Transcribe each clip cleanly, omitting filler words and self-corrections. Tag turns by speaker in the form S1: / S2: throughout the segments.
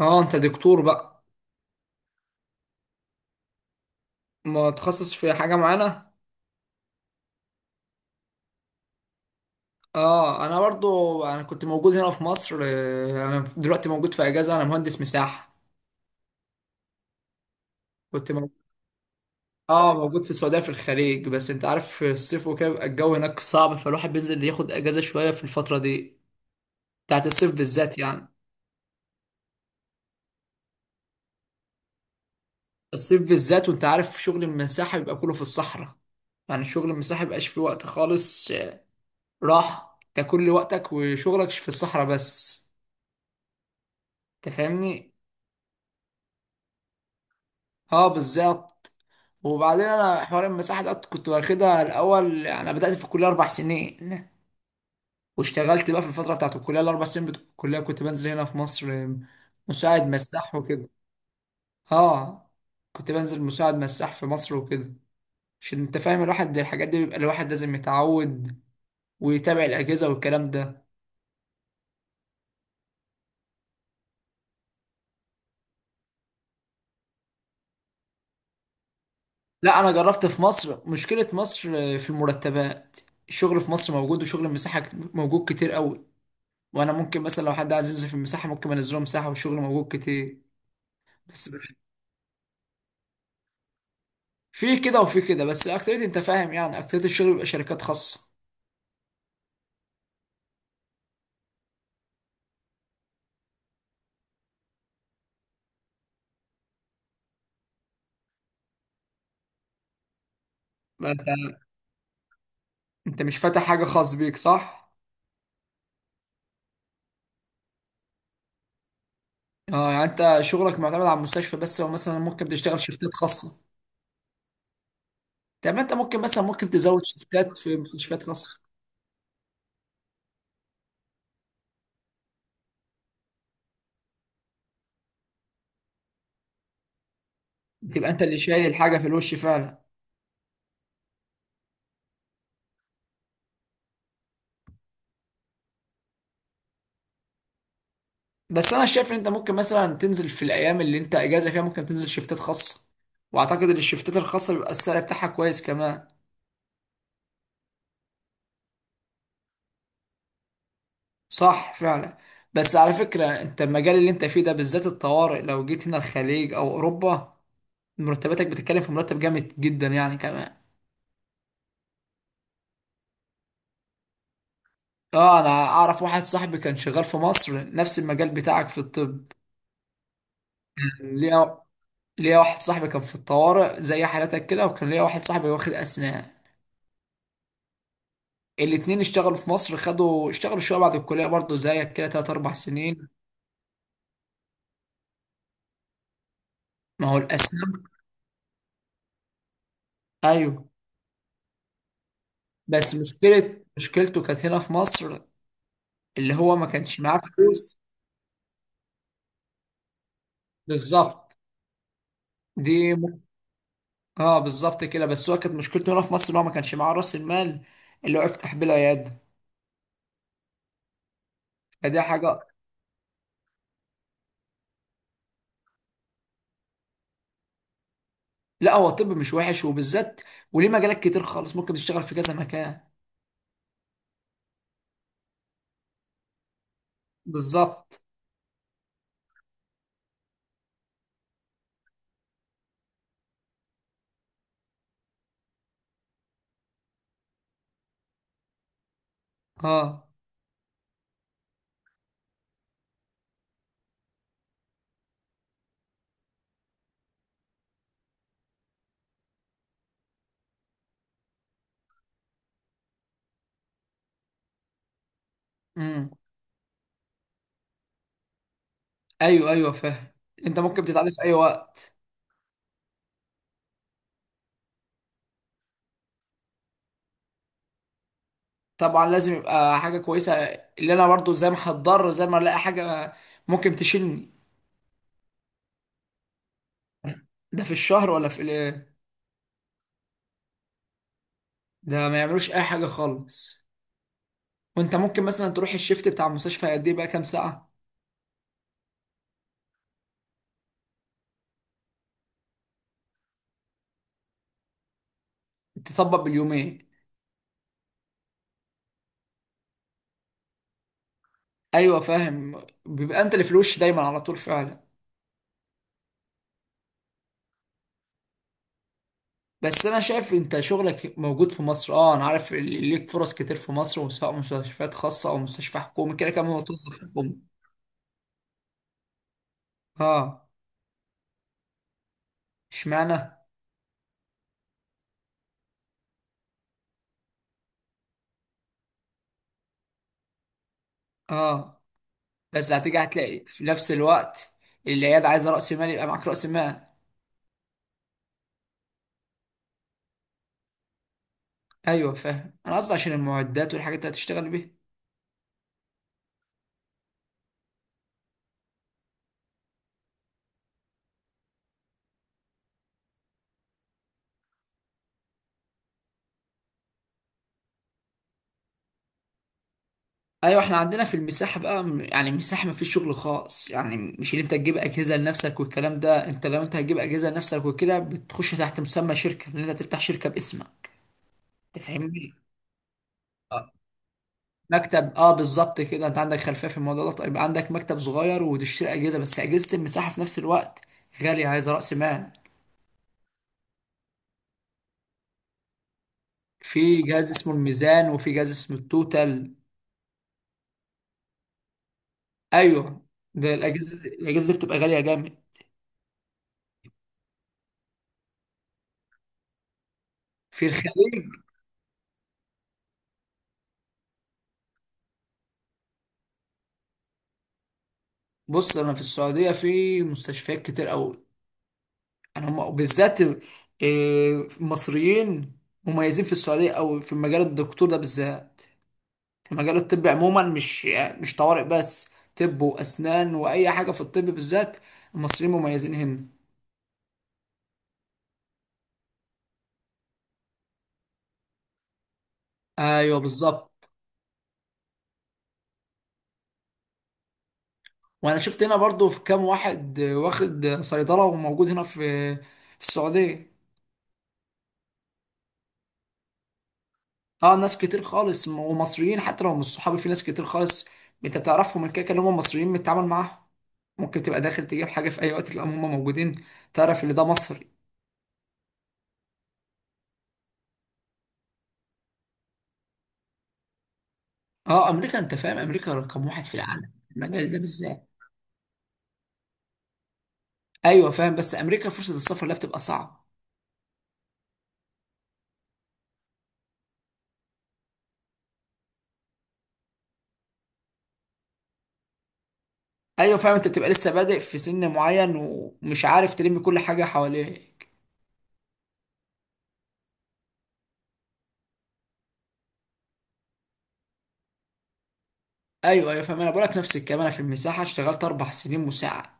S1: اه، انت دكتور بقى؟ متخصص في حاجة معانا؟ اه، انا برضو كنت موجود هنا في مصر. انا دلوقتي موجود في اجازة، انا مهندس مساحة. كنت موجود في السعودية في الخليج، بس انت عارف، في الصيف وكده بيبقى الجو هناك صعب، فالواحد بينزل ياخد اجازة شوية في الفترة دي، بتاعت الصيف بالذات يعني. الصيف بالذات. وانت عارف شغل المساحة بيبقى كله في الصحراء، يعني شغل المساحة مبقاش فيه وقت خالص راحة، انت كل وقتك وشغلك في الصحراء بس. انت فاهمني؟ اه، بالظبط. وبعدين، انا حوار المساحه ده كنت واخدها الاول، يعني انا بدات في الكليه 4 سنين. واشتغلت بقى في الفتره بتاعت الكليه، الاربع سنين بتوع الكليه كنت بنزل هنا في مصر مساعد مساح وكده. اه، كنت بنزل مساعد مساح في مصر وكده، عشان انت فاهم الواحد الحاجات دي بيبقى الواحد لازم يتعود ويتابع الاجهزه والكلام ده. لا، انا جربت في مصر. مشكله مصر في المرتبات. الشغل في مصر موجود، وشغل المساحه موجود كتير قوي. وانا ممكن مثلا، لو حد عايز ينزل في المساحه ممكن انزله مساحه، والشغل موجود كتير بس. في كده وفي كده، بس اكتريت انت فاهم، يعني اكتريت الشغل بيبقى شركات خاصة. ما انت مش فاتح حاجة خاص بيك صح؟ اه، يعني انت شغلك معتمد على المستشفى بس، او مثلا ممكن تشتغل شيفتات خاصة؟ طب ما انت ممكن تزود شيفتات في مستشفيات خاصة. تبقى انت اللي شايل الحاجة في الوش فعلا. بس انا شايف ان انت ممكن مثلا تنزل في الايام اللي انت اجازة فيها، ممكن تنزل شيفتات خاصة. واعتقد ان الشيفتات الخاصة بيبقى السعر بتاعها كويس كمان. صح فعلا. بس على فكرة، انت المجال اللي انت فيه ده بالذات الطوارئ، لو جيت هنا الخليج او اوروبا، مرتباتك بتتكلم في مرتب جامد جدا يعني كمان. اه، انا اعرف واحد صاحبي كان شغال في مصر نفس المجال بتاعك في الطب. كان ليا واحد صاحبي كان في الطوارئ زي حالتك كده، وكان ليا واحد صاحبي واخد اسنان. الاتنين اشتغلوا في مصر، خدوا اشتغلوا شوية بعد الكلية برضه زيك كده، تلات أربع سنين. ما هو الأسنان. أيوه. بس مشكلته كانت هنا في مصر، اللي هو ما كانش معاه فلوس. بالظبط. دي م... اه، بالظبط كده، بس هو كانت مشكلته هنا في مصر ان هو ما كانش معاه راس المال اللي هو يفتح بيه العياده. فدي حاجه. لا، هو الطب مش وحش، وبالذات، وليه مجالات كتير خالص، ممكن تشتغل في كذا مكان. بالظبط. اه. امم ايوه، ايوه، فاهم. انت ممكن تتعلم في اي وقت. طبعا، لازم يبقى حاجه كويسه. اللي انا برضو زي ما هتضر، زي ما الاقي حاجه ممكن تشيلني. ده في الشهر ولا في الايه؟ ده ما يعملوش اي حاجه خالص. وانت ممكن مثلا تروح الشيفت بتاع المستشفى قد ايه بقى، كام ساعه؟ تطبق باليومين. ايوه، فاهم، بيبقى انت اللي في الوش دايما على طول فعلا. بس انا شايف انت شغلك موجود في مصر، اه، انا عارف اللي ليك فرص كتير في مصر، وسواء مستشفيات خاصه او مستشفى حكومي كده كمان، هو توظف حكومي. اه. اشمعنى؟ اه. بس هتيجي هتلاقي في نفس الوقت، العياده عايزه راس مال، يبقى معاك راس مال. ايوه فاهم، انا قصدي عشان المعدات والحاجات اللي هتشتغل بيها. ايوه، احنا عندنا في المساحه بقى يعني المساحه ما فيش شغل خاص، يعني مش ان انت تجيب اجهزه لنفسك والكلام ده، انت لو انت هتجيب اجهزه لنفسك وكده بتخش تحت مسمى شركه، لان انت تفتح شركه باسمك. تفهمني؟ اه. مكتب، اه، بالظبط كده، انت عندك خلفيه في الموضوع ده. طيب، عندك مكتب صغير وتشتري اجهزه، بس اجهزه المساحه في نفس الوقت غاليه، عايزه راس مال. في جهاز اسمه الميزان، وفي جهاز اسمه التوتال. ايوه. ده الاجهزه دي بتبقى غاليه جامد. في الخليج. بص، انا في السعوديه في مستشفيات كتير قوي، انا هم وبالذات مصريين مميزين في السعوديه، او في مجال الدكتور ده بالذات. في مجال الطب عموما، مش يعني مش طوارئ بس، طب واسنان واي حاجه في الطب بالذات، المصريين مميزين هنا. ايوه بالظبط. وانا شفت هنا برضو في كام واحد واخد صيدله وموجود هنا في السعوديه. اه، ناس كتير خالص ومصريين حتى لو مش صحابي في ناس كتير خالص. انت بتعرفهم، من كده كده هم مصريين بتتعامل معاهم. ممكن تبقى داخل تجيب حاجة في أي وقت، تلاقيهم هم موجودين. تعرف اللي ده مصري. اه، أمريكا، أنت فاهم أمريكا رقم واحد في العالم المجال ده بالذات. أيوه فاهم، بس أمريكا فرصة السفر لها بتبقى صعبة. أيوه فاهم، أنت بتبقى لسه بادئ في سن معين، ومش عارف تلم كل حاجة حواليه. ايوه، ايوه فاهم، انا بقولك نفس الكلام، انا في المساحه اشتغلت 4 سنين مساعد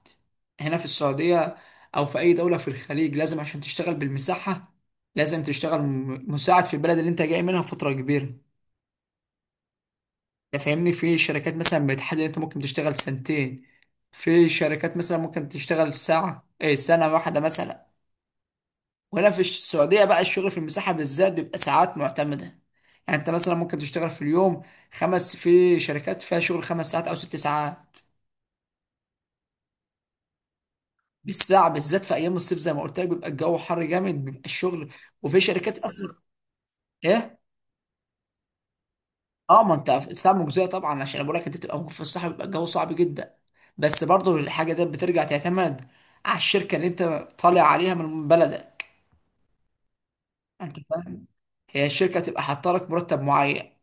S1: هنا في السعوديه، او في اي دوله في الخليج لازم عشان تشتغل بالمساحه. لازم تشتغل مساعد في البلد اللي انت جاي منها فتره كبيره. انت فاهمني؟ في شركات مثلا بتحدد انت ممكن تشتغل سنتين. في شركات مثلا ممكن تشتغل ساعه ايه، سنه واحده مثلا. وهنا في السعوديه بقى الشغل في المساحه بالذات بيبقى ساعات معتمده. يعني انت مثلا ممكن تشتغل في اليوم في شركات فيها شغل 5 ساعات او 6 ساعات. بالساعة، بالذات في أيام الصيف زي ما قلت لك بيبقى الجو حر جامد بيبقى الشغل. وفي شركات أصلا. إيه؟ أه، ما أنت الساعة مجزية طبعا، عشان أنا بقول لك أنت تبقى موجود في الصحراء بيبقى الجو صعب جدا. بس برضه الحاجة دي بترجع تعتمد على الشركة اللي أنت طالع عليها من بلدك. أنت فاهم؟ هي الشركة تبقى حاطة لك مرتب معين.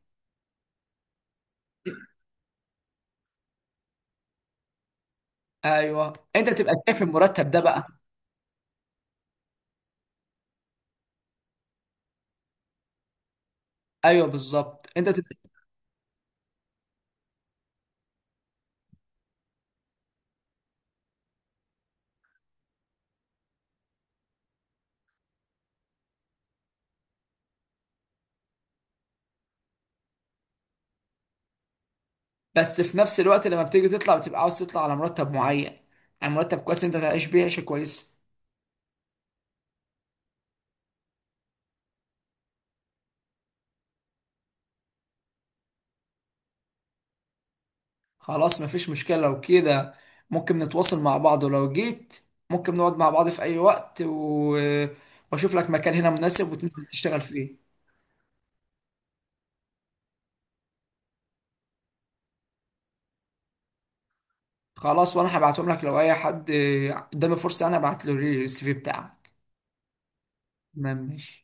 S1: أيوه، أنت بتبقى شايف المرتب ده بقى. أيوه بالظبط، أنت بتبقى. بس في نفس الوقت، لما بتيجي تطلع بتبقى عاوز تطلع على مرتب معين، يعني مرتب كويس أنت تعيش بيه عيشة كويسة. خلاص، مفيش مشكلة لو كده، ممكن نتواصل مع بعض، ولو جيت ممكن نقعد مع بعض في أي وقت وأشوف لك مكان هنا مناسب وتنزل تشتغل فيه. خلاص، وأنا هبعتهم لك، لو أي حد قدامي فرصة أنا هبعت له السي في بتاعك. تمام ماشي.